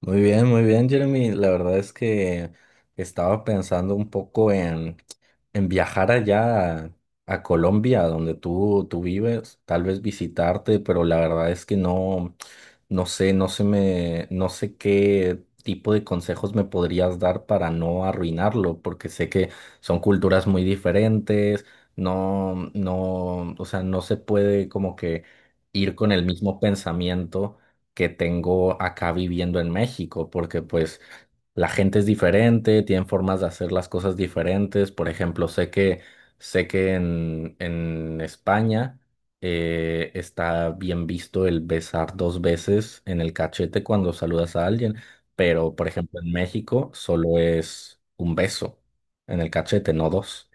Muy bien, Jeremy. La verdad es que estaba pensando un poco en viajar allá a Colombia, donde tú vives, tal vez visitarte, pero la verdad es que no, no sé, no sé qué tipo de consejos me podrías dar para no arruinarlo, porque sé que son culturas muy diferentes, no, no, o sea, no se puede como que ir con el mismo pensamiento que tengo acá viviendo en México, porque pues la gente es diferente, tienen formas de hacer las cosas diferentes. Por ejemplo, sé que en España está bien visto el besar dos veces en el cachete cuando saludas a alguien, pero por ejemplo en México solo es un beso en el cachete, no dos.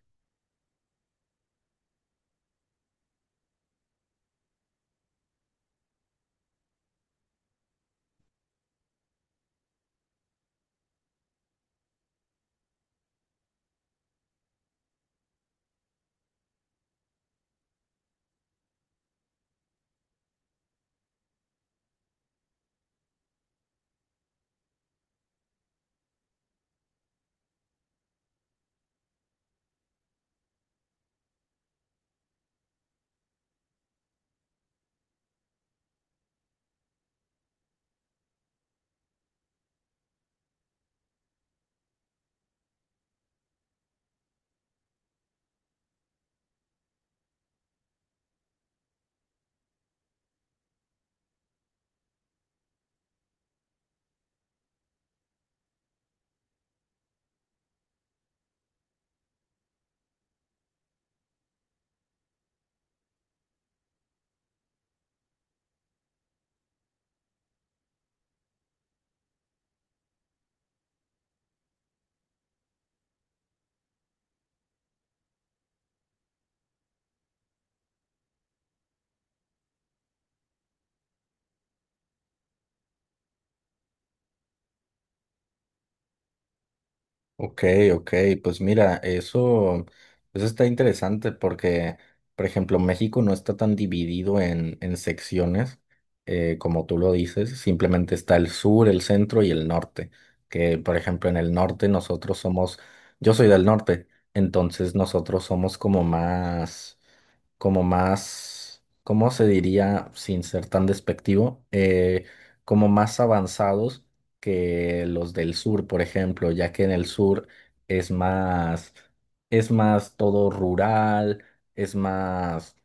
Ok, ok, pues mira, eso está interesante porque, por ejemplo, México no está tan dividido en secciones, como tú lo dices, simplemente está el sur, el centro y el norte, que por ejemplo en el norte nosotros somos, yo soy del norte, entonces nosotros somos como más, ¿cómo se diría sin ser tan despectivo? Como más avanzados que los del sur, por ejemplo, ya que en el sur es más, es más todo rural, es más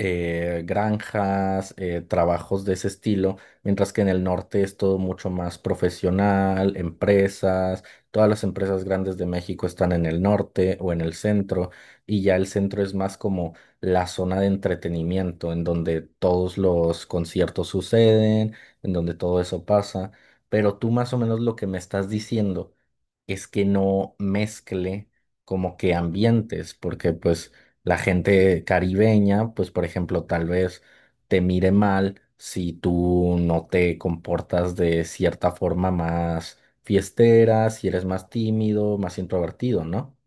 granjas, trabajos de ese estilo, mientras que en el norte es todo mucho más profesional, empresas, todas las empresas grandes de México están en el norte o en el centro, y ya el centro es más como la zona de entretenimiento, en donde todos los conciertos suceden, en donde todo eso pasa, pero tú más o menos lo que me estás diciendo es que no mezcle como que ambientes, porque pues... La gente caribeña, pues por ejemplo, tal vez te mire mal si tú no te comportas de cierta forma más fiestera, si eres más tímido, más introvertido, ¿no?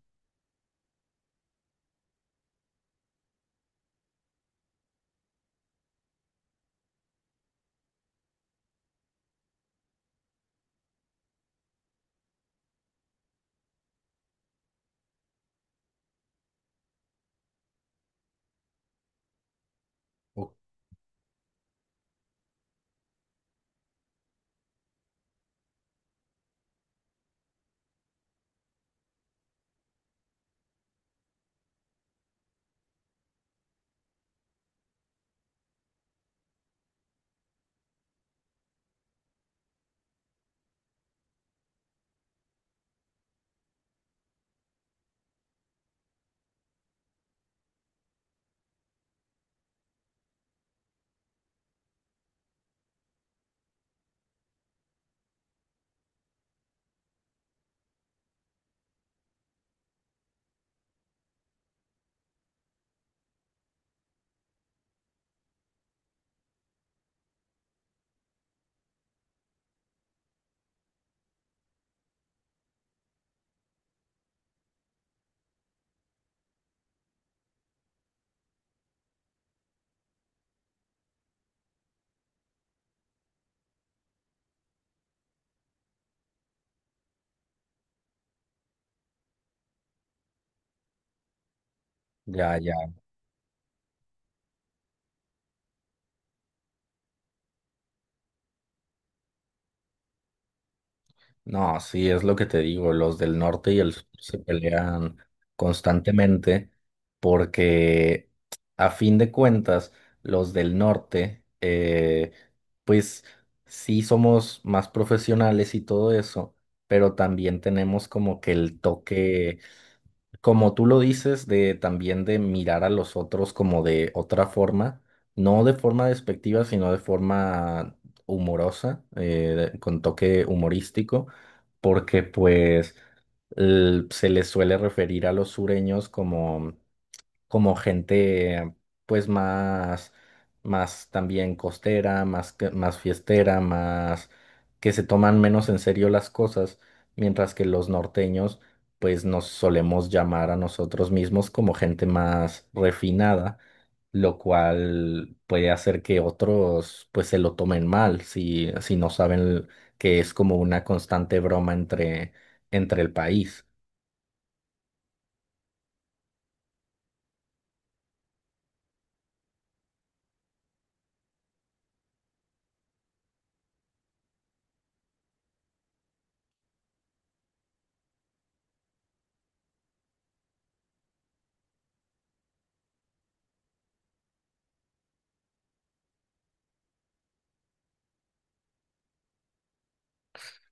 O- Ya, ya. No, sí, es lo que te digo, los del norte y el sur se pelean constantemente porque a fin de cuentas los del norte, pues sí somos más profesionales y todo eso, pero también tenemos como que el toque como tú lo dices, de también de mirar a los otros como de otra forma, no de forma despectiva, sino de forma humorosa, con toque humorístico, porque pues se les suele referir a los sureños como gente pues más, más también costera, más fiestera, más que se toman menos en serio las cosas, mientras que los norteños pues nos solemos llamar a nosotros mismos como gente más refinada, lo cual puede hacer que otros pues se lo tomen mal si no saben que es como una constante broma entre el país.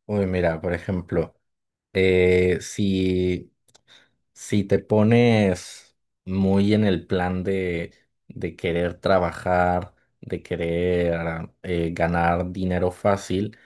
Uy, mira, por ejemplo, eh, si Si te pones muy en el plan de querer trabajar, de querer ganar dinero fácil,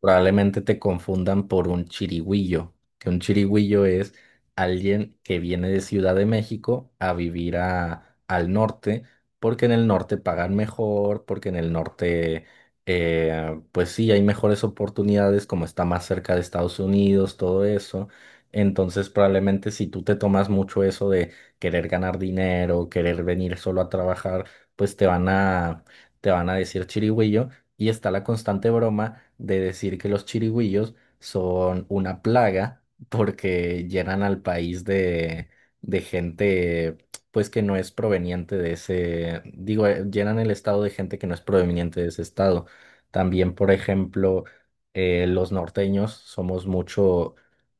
probablemente te confundan por un chirigüillo, que un chirigüillo es alguien que viene de Ciudad de México a vivir al norte, porque en el norte pagan mejor, porque en el norte, pues sí, hay mejores oportunidades, como está más cerca de Estados Unidos, todo eso. Entonces, probablemente si tú te tomas mucho eso de querer ganar dinero, querer venir solo a trabajar, pues te van a decir chirigüillo. Y está la constante broma de decir que los chirigüillos son una plaga porque llenan al país de gente, pues que no es proveniente de ese, digo, llenan el estado de gente que no es proveniente de ese estado. También, por ejemplo, los norteños somos mucho.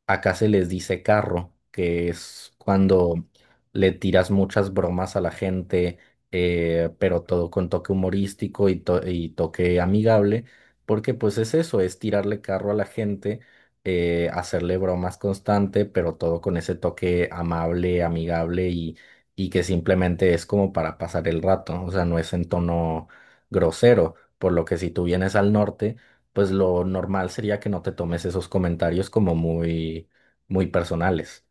Acá se les dice carro, que es cuando le tiras muchas bromas a la gente, pero todo con toque humorístico y, y toque amigable, porque pues es eso, es tirarle carro a la gente, hacerle bromas constante, pero todo con ese toque amable, amigable y que simplemente es como para pasar el rato, o sea, no es en tono grosero, por lo que si tú vienes al norte pues lo normal sería que no te tomes esos comentarios como muy, muy personales.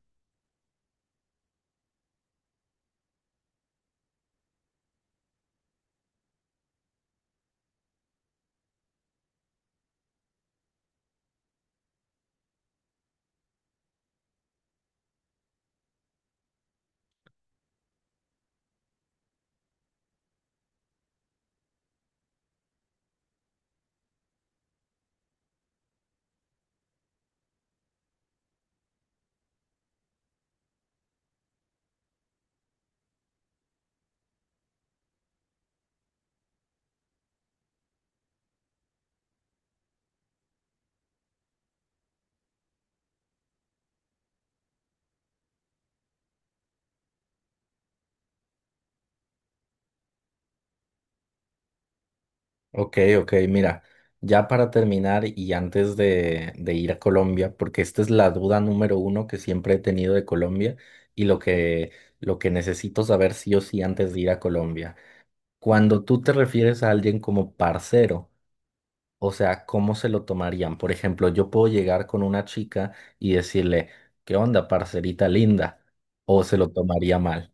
Ok, ok, mira, ya para terminar y antes de ir a Colombia, porque esta es la duda número uno que siempre he tenido de Colombia y lo que necesito saber sí o sí antes de ir a Colombia. Cuando tú te refieres a alguien como parcero, o sea, ¿cómo se lo tomarían? Por ejemplo, yo puedo llegar con una chica y decirle, ¿qué onda, parcerita linda? ¿O se lo tomaría mal?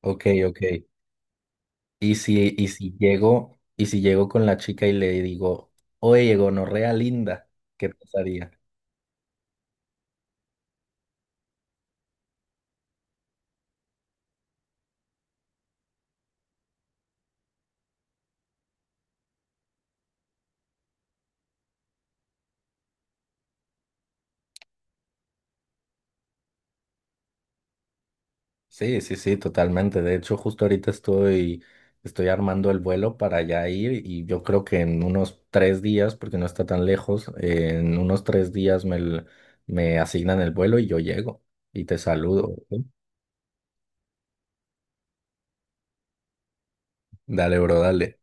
Ok, ok. Y si llego con la chica y le digo, oye, gonorrea linda, ¿qué pasaría? Sí, sí, sí, totalmente. De hecho, justo ahorita estoy, estoy armando el vuelo para allá ir y yo creo que en unos 3 días, porque no está tan lejos, en unos 3 días me asignan el vuelo y yo llego y te saludo. ¿Ok? Dale, bro, dale.